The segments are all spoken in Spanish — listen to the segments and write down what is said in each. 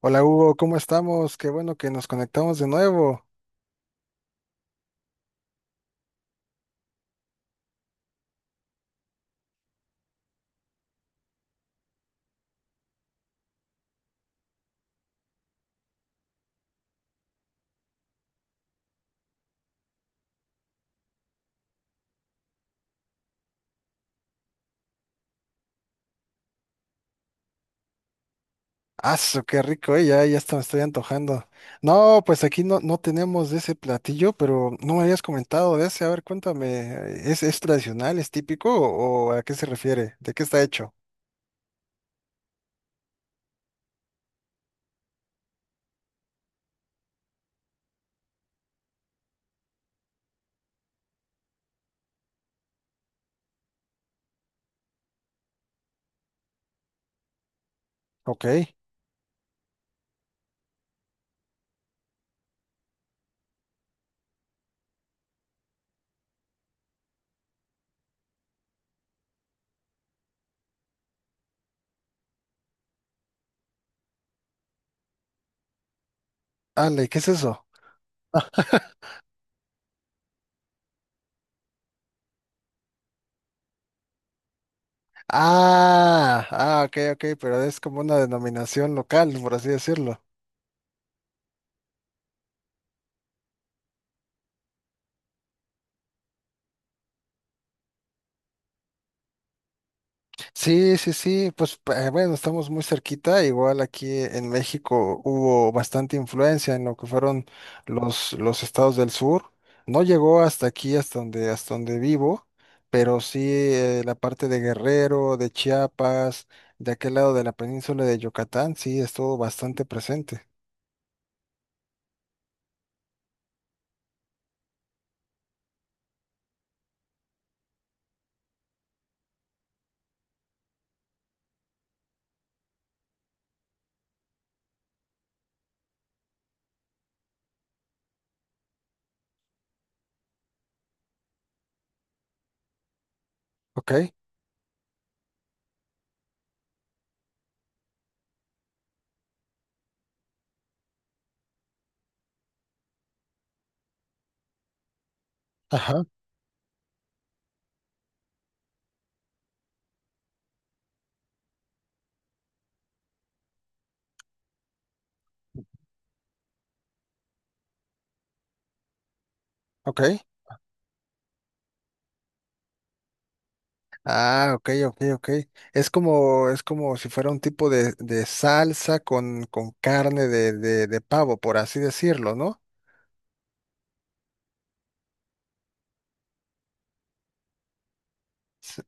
Hola Hugo, ¿cómo estamos? Qué bueno que nos conectamos de nuevo. ¡Aso, qué rico, Ya, hasta me estoy antojando. No, pues aquí no tenemos de ese platillo, pero no me habías comentado de ese. A ver, cuéntame, ¿ es tradicional, es típico o ¿a qué se refiere? ¿De qué está hecho? Ok. Ale, ¿qué es eso? Ah, ok, ok, pero es como una denominación local, por así decirlo. Sí, sí, sí, pues bueno, estamos muy cerquita, igual aquí en México hubo bastante influencia en lo que fueron los estados del sur, no llegó hasta aquí, hasta hasta donde vivo, pero sí, la parte de Guerrero, de Chiapas, de aquel lado de la península de Yucatán, sí estuvo bastante presente. ¿Ok? Ajá, ok. Ah, ok, ok, ok. Es como si fuera un tipo de salsa con carne de pavo, por así decirlo, ¿no? S-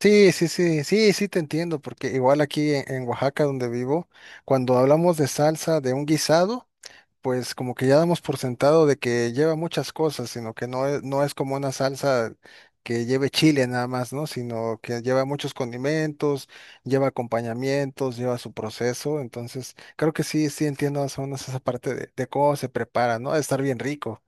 Sí, sí, sí, sí, sí te entiendo, porque igual aquí en Oaxaca donde vivo, cuando hablamos de salsa de un guisado, pues como que ya damos por sentado de que lleva muchas cosas, sino que no es como una salsa que lleve chile nada más, ¿no? Sino que lleva muchos condimentos, lleva acompañamientos, lleva su proceso. Entonces, creo que sí, sí entiendo más o menos esa parte de cómo se prepara, ¿no? De estar bien rico.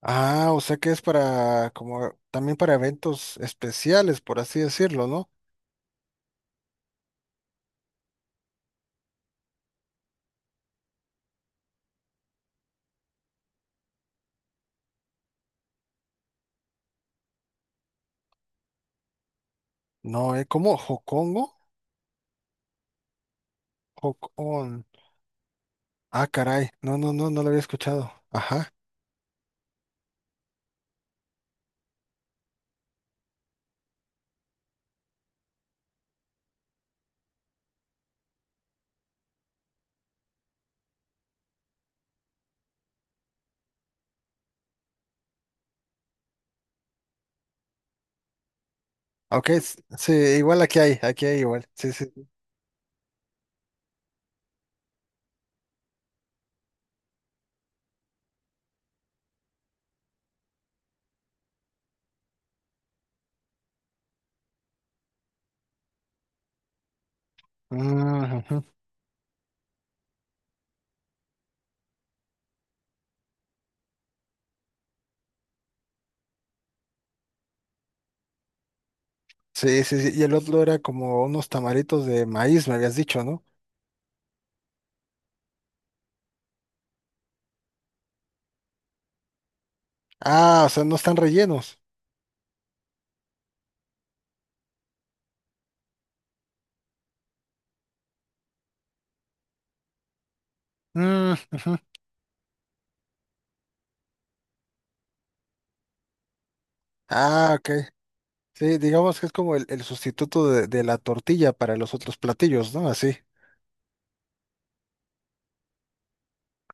Ah, o sea que es para, como, también para eventos especiales, por así decirlo, ¿no? No, ¿eh? ¿Cómo? ¿Jocongo? Jocón. Ah, caray. No, no lo había escuchado. Ajá. Ok, sí, igual aquí hay igual. Sí, sí. Mm, ujú. Sí, sí, sí. Y el otro era como unos tamaritos de maíz, me habías dicho, ¿no? Ah, o sea, no están rellenos. Mm, ujú. Ah, ok. Sí, digamos que es como el sustituto de la tortilla para los otros platillos, ¿no? Así.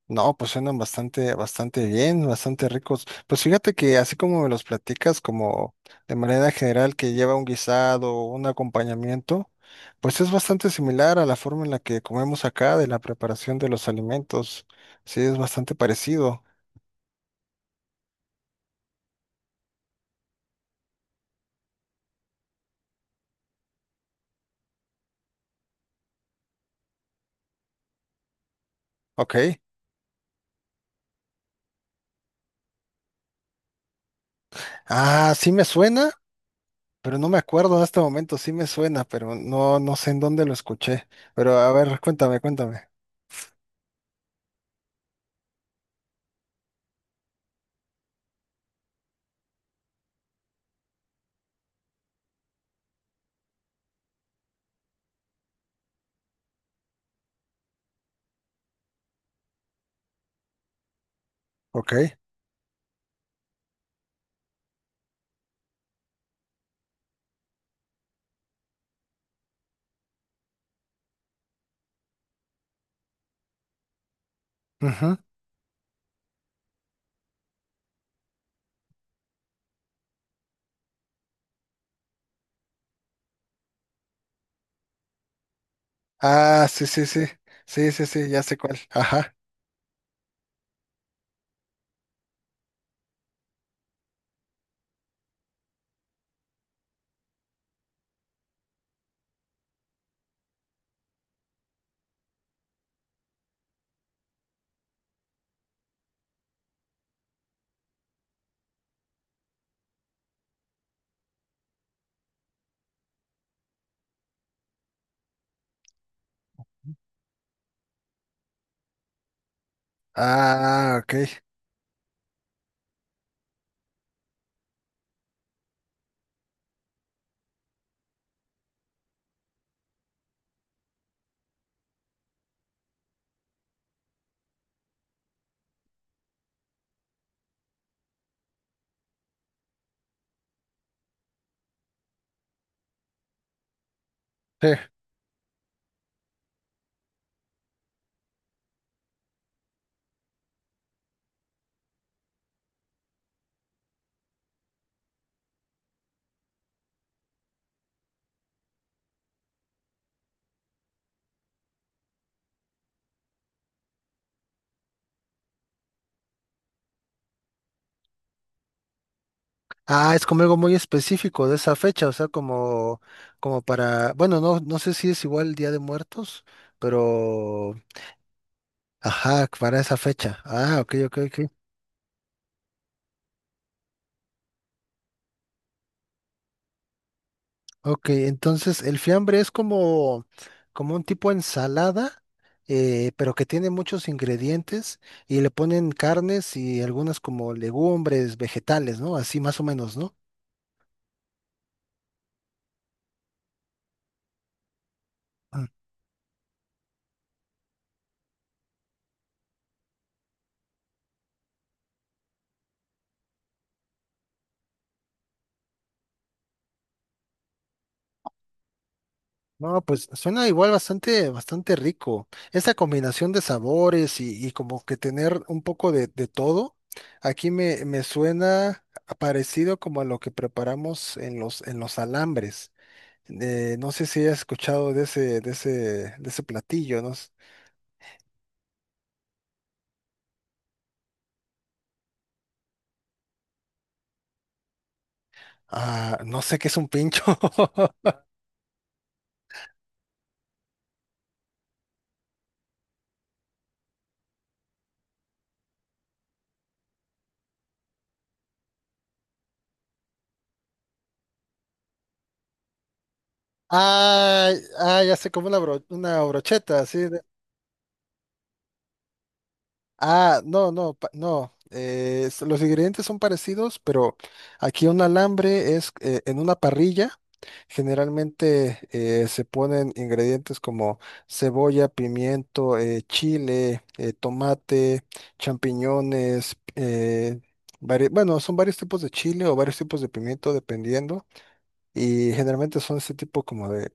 No, pues suenan bastante, bastante bien, bastante ricos. Pues fíjate que así como me los platicas, como de manera general que lleva un guisado, un acompañamiento, pues es bastante similar a la forma en la que comemos acá de la preparación de los alimentos. Sí, es bastante parecido. Ok. Ah, sí me suena, pero no me acuerdo en este momento. Sí me suena, pero no, no sé en dónde lo escuché. Pero a ver, cuéntame, cuéntame. Ok. Ujú. Ah, sí, sí, sí. Sí, sí, sí, ya sé cuál. Ajá. Ah, ok. Sí. Ah, es como algo muy específico de esa fecha, o sea, como, como para, bueno, no, no sé si es igual Día de Muertos, pero, ajá, para esa fecha. Ah, ok, ok, ok. Ok, entonces el fiambre es como, como un tipo ensalada, pero que tiene muchos ingredientes y le ponen carnes y algunas como legumbres, vegetales, ¿no? Así más o menos, ¿no? No, pues suena igual bastante, bastante rico. Esta combinación de sabores y como que tener un poco de todo, aquí me suena parecido como a lo que preparamos en en los alambres. No sé si has escuchado de de ese platillo, no, ah, no sé qué es un pincho. Ah, ah, ya sé, como una, una brocheta, así. Ah, no, no, no. Los ingredientes son parecidos, pero aquí un alambre es, en una parrilla. Generalmente, se ponen ingredientes como cebolla, pimiento, chile, tomate, champiñones. Bueno, son varios tipos de chile o varios tipos de pimiento, dependiendo, y generalmente son ese tipo como de,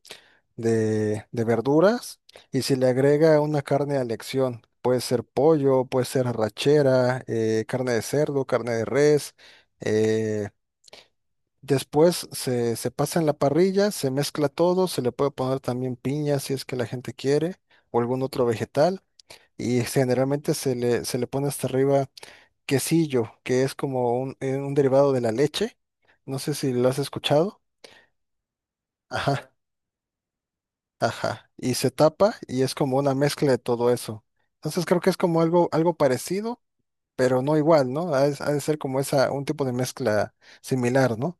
de, de verduras y si le agrega una carne a elección. Puede ser pollo, puede ser arrachera, carne de cerdo, carne de res. eh, Después se pasa en la parrilla, se mezcla todo, se le puede poner también piña si es que la gente quiere o algún otro vegetal, y generalmente se le pone hasta arriba quesillo, que es como un derivado de la leche. No sé si lo has escuchado. Ajá. Ajá, y se tapa y es como una mezcla de todo eso. Entonces creo que es como algo, algo parecido, pero no igual, ¿no? Ha de ser como esa, un tipo de mezcla similar, ¿no?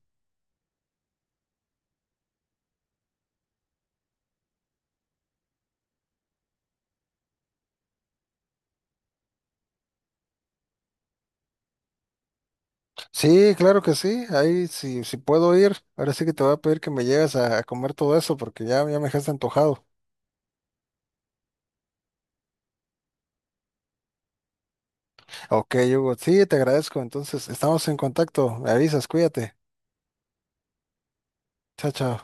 Sí, claro que sí, ahí sí, sí puedo ir. Ahora sí que te voy a pedir que me lleves a comer todo eso porque ya, ya me dejaste antojado. Ok, Hugo, sí, te agradezco. Entonces, estamos en contacto. Me avisas, cuídate. Chao, chao.